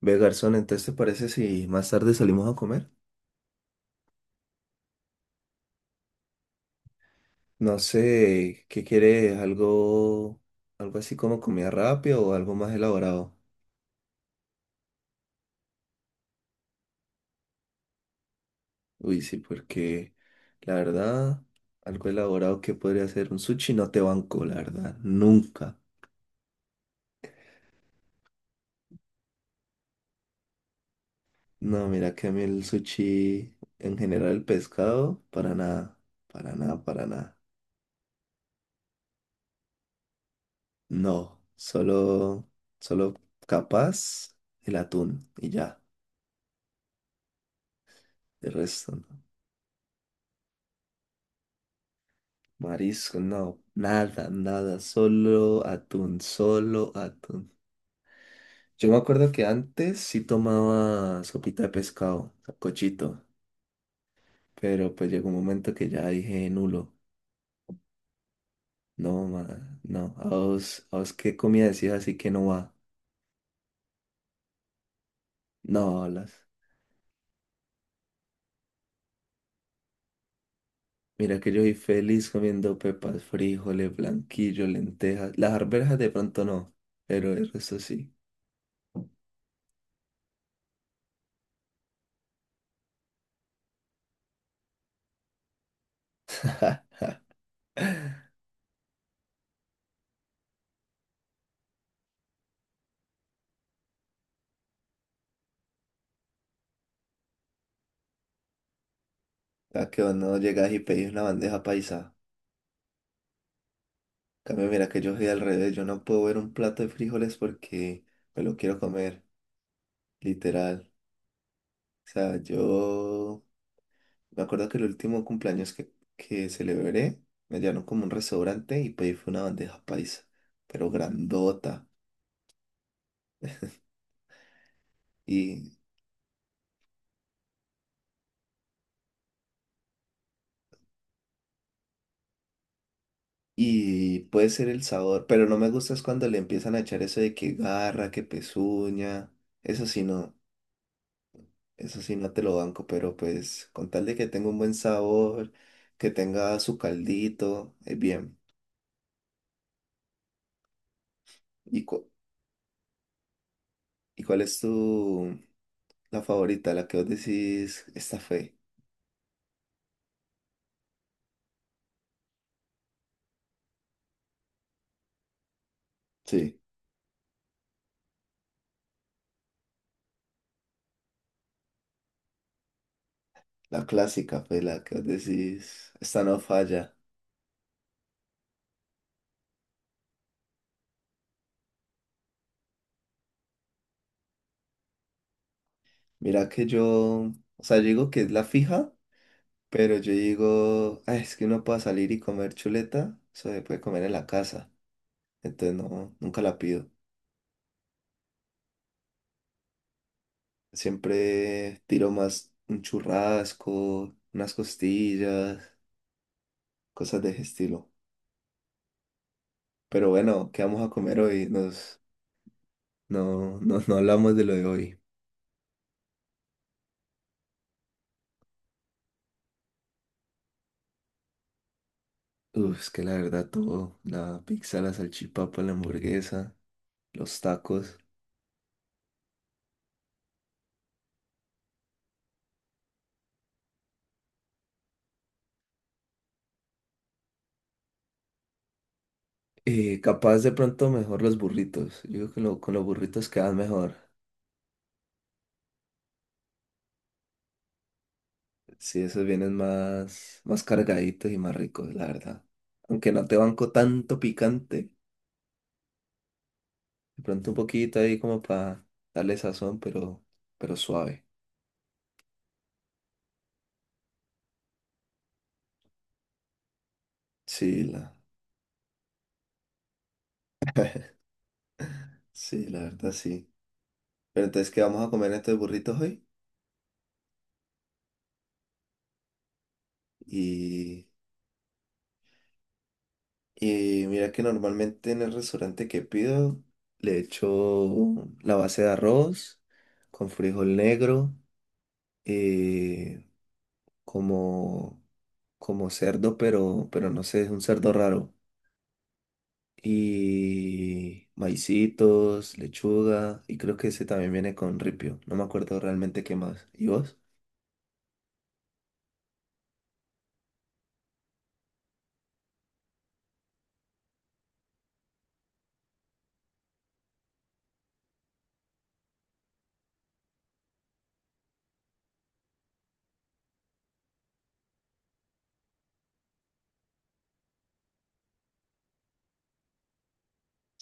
Ve, garzón, entonces te parece si más tarde salimos a comer? No sé, ¿qué quieres? ¿Algo así como comida rápida o algo más elaborado? Uy, sí, porque la verdad, algo elaborado que podría ser un sushi no te banco, la verdad, nunca. No, mira que a mí el sushi, en general el pescado, para nada, para nada, para nada. No, solo capaz el atún y ya, el resto no. Marisco, no, nada, nada, solo atún, solo atún. Yo me acuerdo que antes sí tomaba sopita de pescado, cochito, pero pues llegó un momento que ya dije nulo. No, ma, no, a vos qué comida decís así que no va. No, las. Mira que yo soy feliz comiendo pepas, frijoles, blanquillo, lentejas. Las arvejas de pronto no, pero el resto sí. ¿A que vos no llegas y pedís una bandeja paisa? Cambio, mira que yo soy al revés, yo no puedo ver un plato de frijoles porque me lo quiero comer, literal. O sea, yo me acuerdo que el último cumpleaños que celebré, me llevaron como a un restaurante y pedí fue una bandeja paisa, pero grandota. Y, y puede ser el sabor, pero no me gusta es cuando le empiezan a echar eso de que garra, que pezuña. Eso sí no, eso sí no te lo banco, pero pues con tal de que tenga un buen sabor, que tenga su caldito, es bien. ¿Y, cu- ¿Y cuál es tu la favorita? La que vos decís, esta fue. Sí, la clásica fue la que vos decís, esta no falla. Mira que yo, o sea, yo digo que es la fija, pero yo digo, "Ay, es que uno puede salir y comer chuleta, eso se puede comer en la casa. Entonces no, nunca la pido. Siempre tiro más un churrasco, unas costillas, cosas de ese estilo. Pero bueno, ¿qué vamos a comer hoy? Nos, no, no, No hablamos de lo de hoy. Uf, es que la verdad todo, la pizza, la salchipapa, la hamburguesa, los tacos. Capaz de pronto mejor los burritos. Yo creo que con los burritos quedan mejor. Sí, esos vienen más, más cargaditos y más ricos, la verdad. Aunque no te banco tanto picante, de pronto un poquito ahí como para darle sazón, pero suave. Sí, la, sí, la verdad sí. Pero entonces, ¿qué vamos a comer estos burritos hoy? y Y mira que normalmente en el restaurante que pido le echo la base de arroz con frijol negro, eh, como, como cerdo, pero no sé, es un cerdo raro. Y maicitos, lechuga, y creo que ese también viene con ripio. No me acuerdo realmente qué más. ¿Y vos?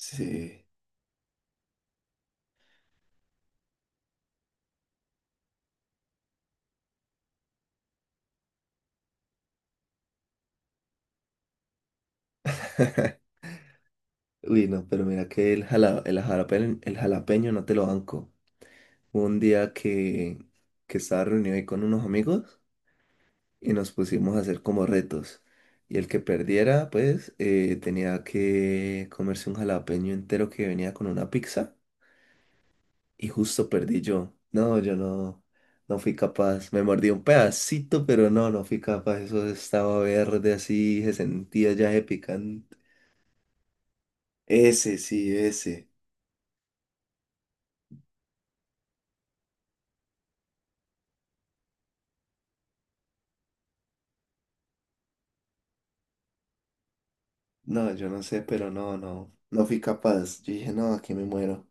Sí. Uy, no, pero mira que el jalapeño no te lo banco. Hubo un día que estaba reunido ahí con unos amigos y nos pusimos a hacer como retos. Y el que perdiera, pues, tenía que comerse un jalapeño entero que venía con una pizza. Y justo perdí yo. No, yo no fui capaz. Me mordí un pedacito, pero no, no fui capaz. Eso estaba verde así, se sentía ya de picante. Ese, sí, ese. No, yo no sé, pero no, no. No fui capaz. Yo dije, no, aquí me muero.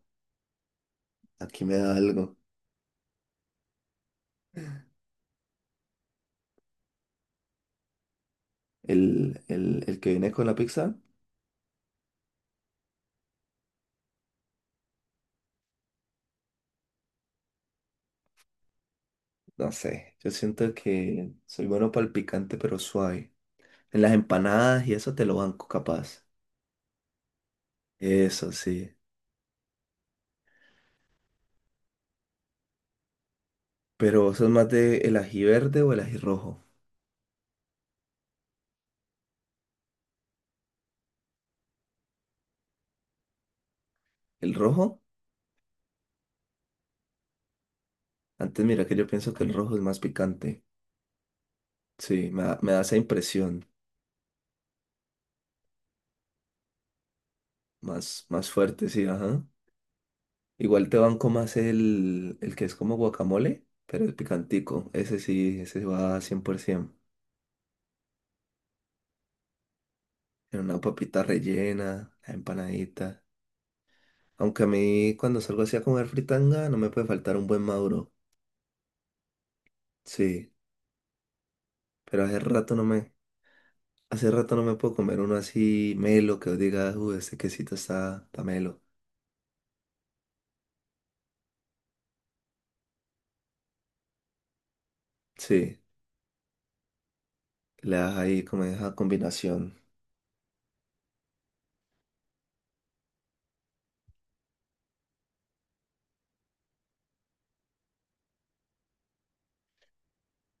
Aquí me da algo. El que viene con la pizza, no sé, yo siento que soy bueno para el picante, pero suave. En las empanadas y eso te lo banco capaz. Eso sí. Pero vos sos más de el ají verde o el ají rojo. ¿El rojo? Antes mira que yo pienso que el rojo es más picante. Sí, me da esa impresión. Más, más fuerte, sí, ajá. Igual te banco más el que es como guacamole, pero el picantico. Ese sí, ese va 100%. En una papita rellena, la empanadita. Aunque a mí cuando salgo así a comer fritanga no me puede faltar un buen maduro. Sí, pero hace rato no me puedo comer uno así melo que os diga, uy, este quesito está, está melo. Sí, le das ahí como esa combinación.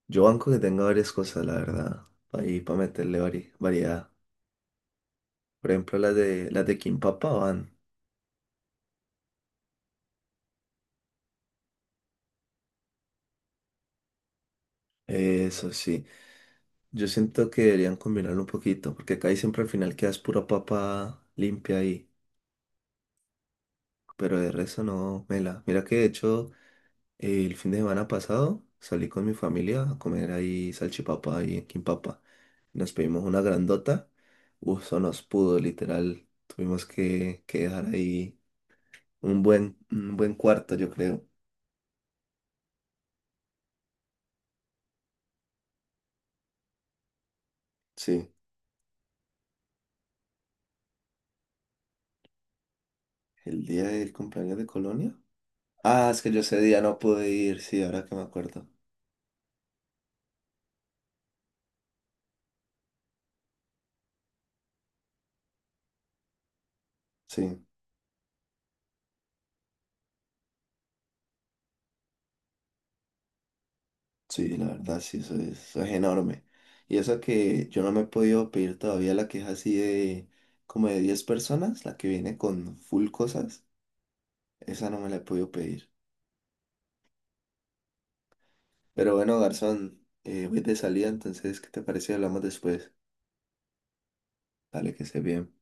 Yo banco que tenga varias cosas, la verdad, ahí para meterle variedad. Por ejemplo, las de Kimpapa van. Eso sí, yo siento que deberían combinarlo un poquito, porque acá siempre al final quedas pura papa limpia ahí, pero de resto no, mela. Mira que de hecho... El fin de semana pasado salí con mi familia a comer ahí salchipapa y en Quimpapa. Nos pedimos una grandota. Uf, eso nos pudo, literal. Tuvimos que dejar ahí un buen cuarto, yo creo. Sí, el día del cumpleaños de Colonia. Ah, es que yo ese día no pude ir, sí, ahora que me acuerdo. Sí, sí, la verdad, sí, eso es enorme. Y eso que yo no me he podido pedir todavía la queja así de como de 10 personas, la que viene con full cosas. Esa no me la he podido pedir. Pero bueno, garzón, voy de salida, entonces, ¿qué te parece? Si Hablamos después. Dale, que esté bien.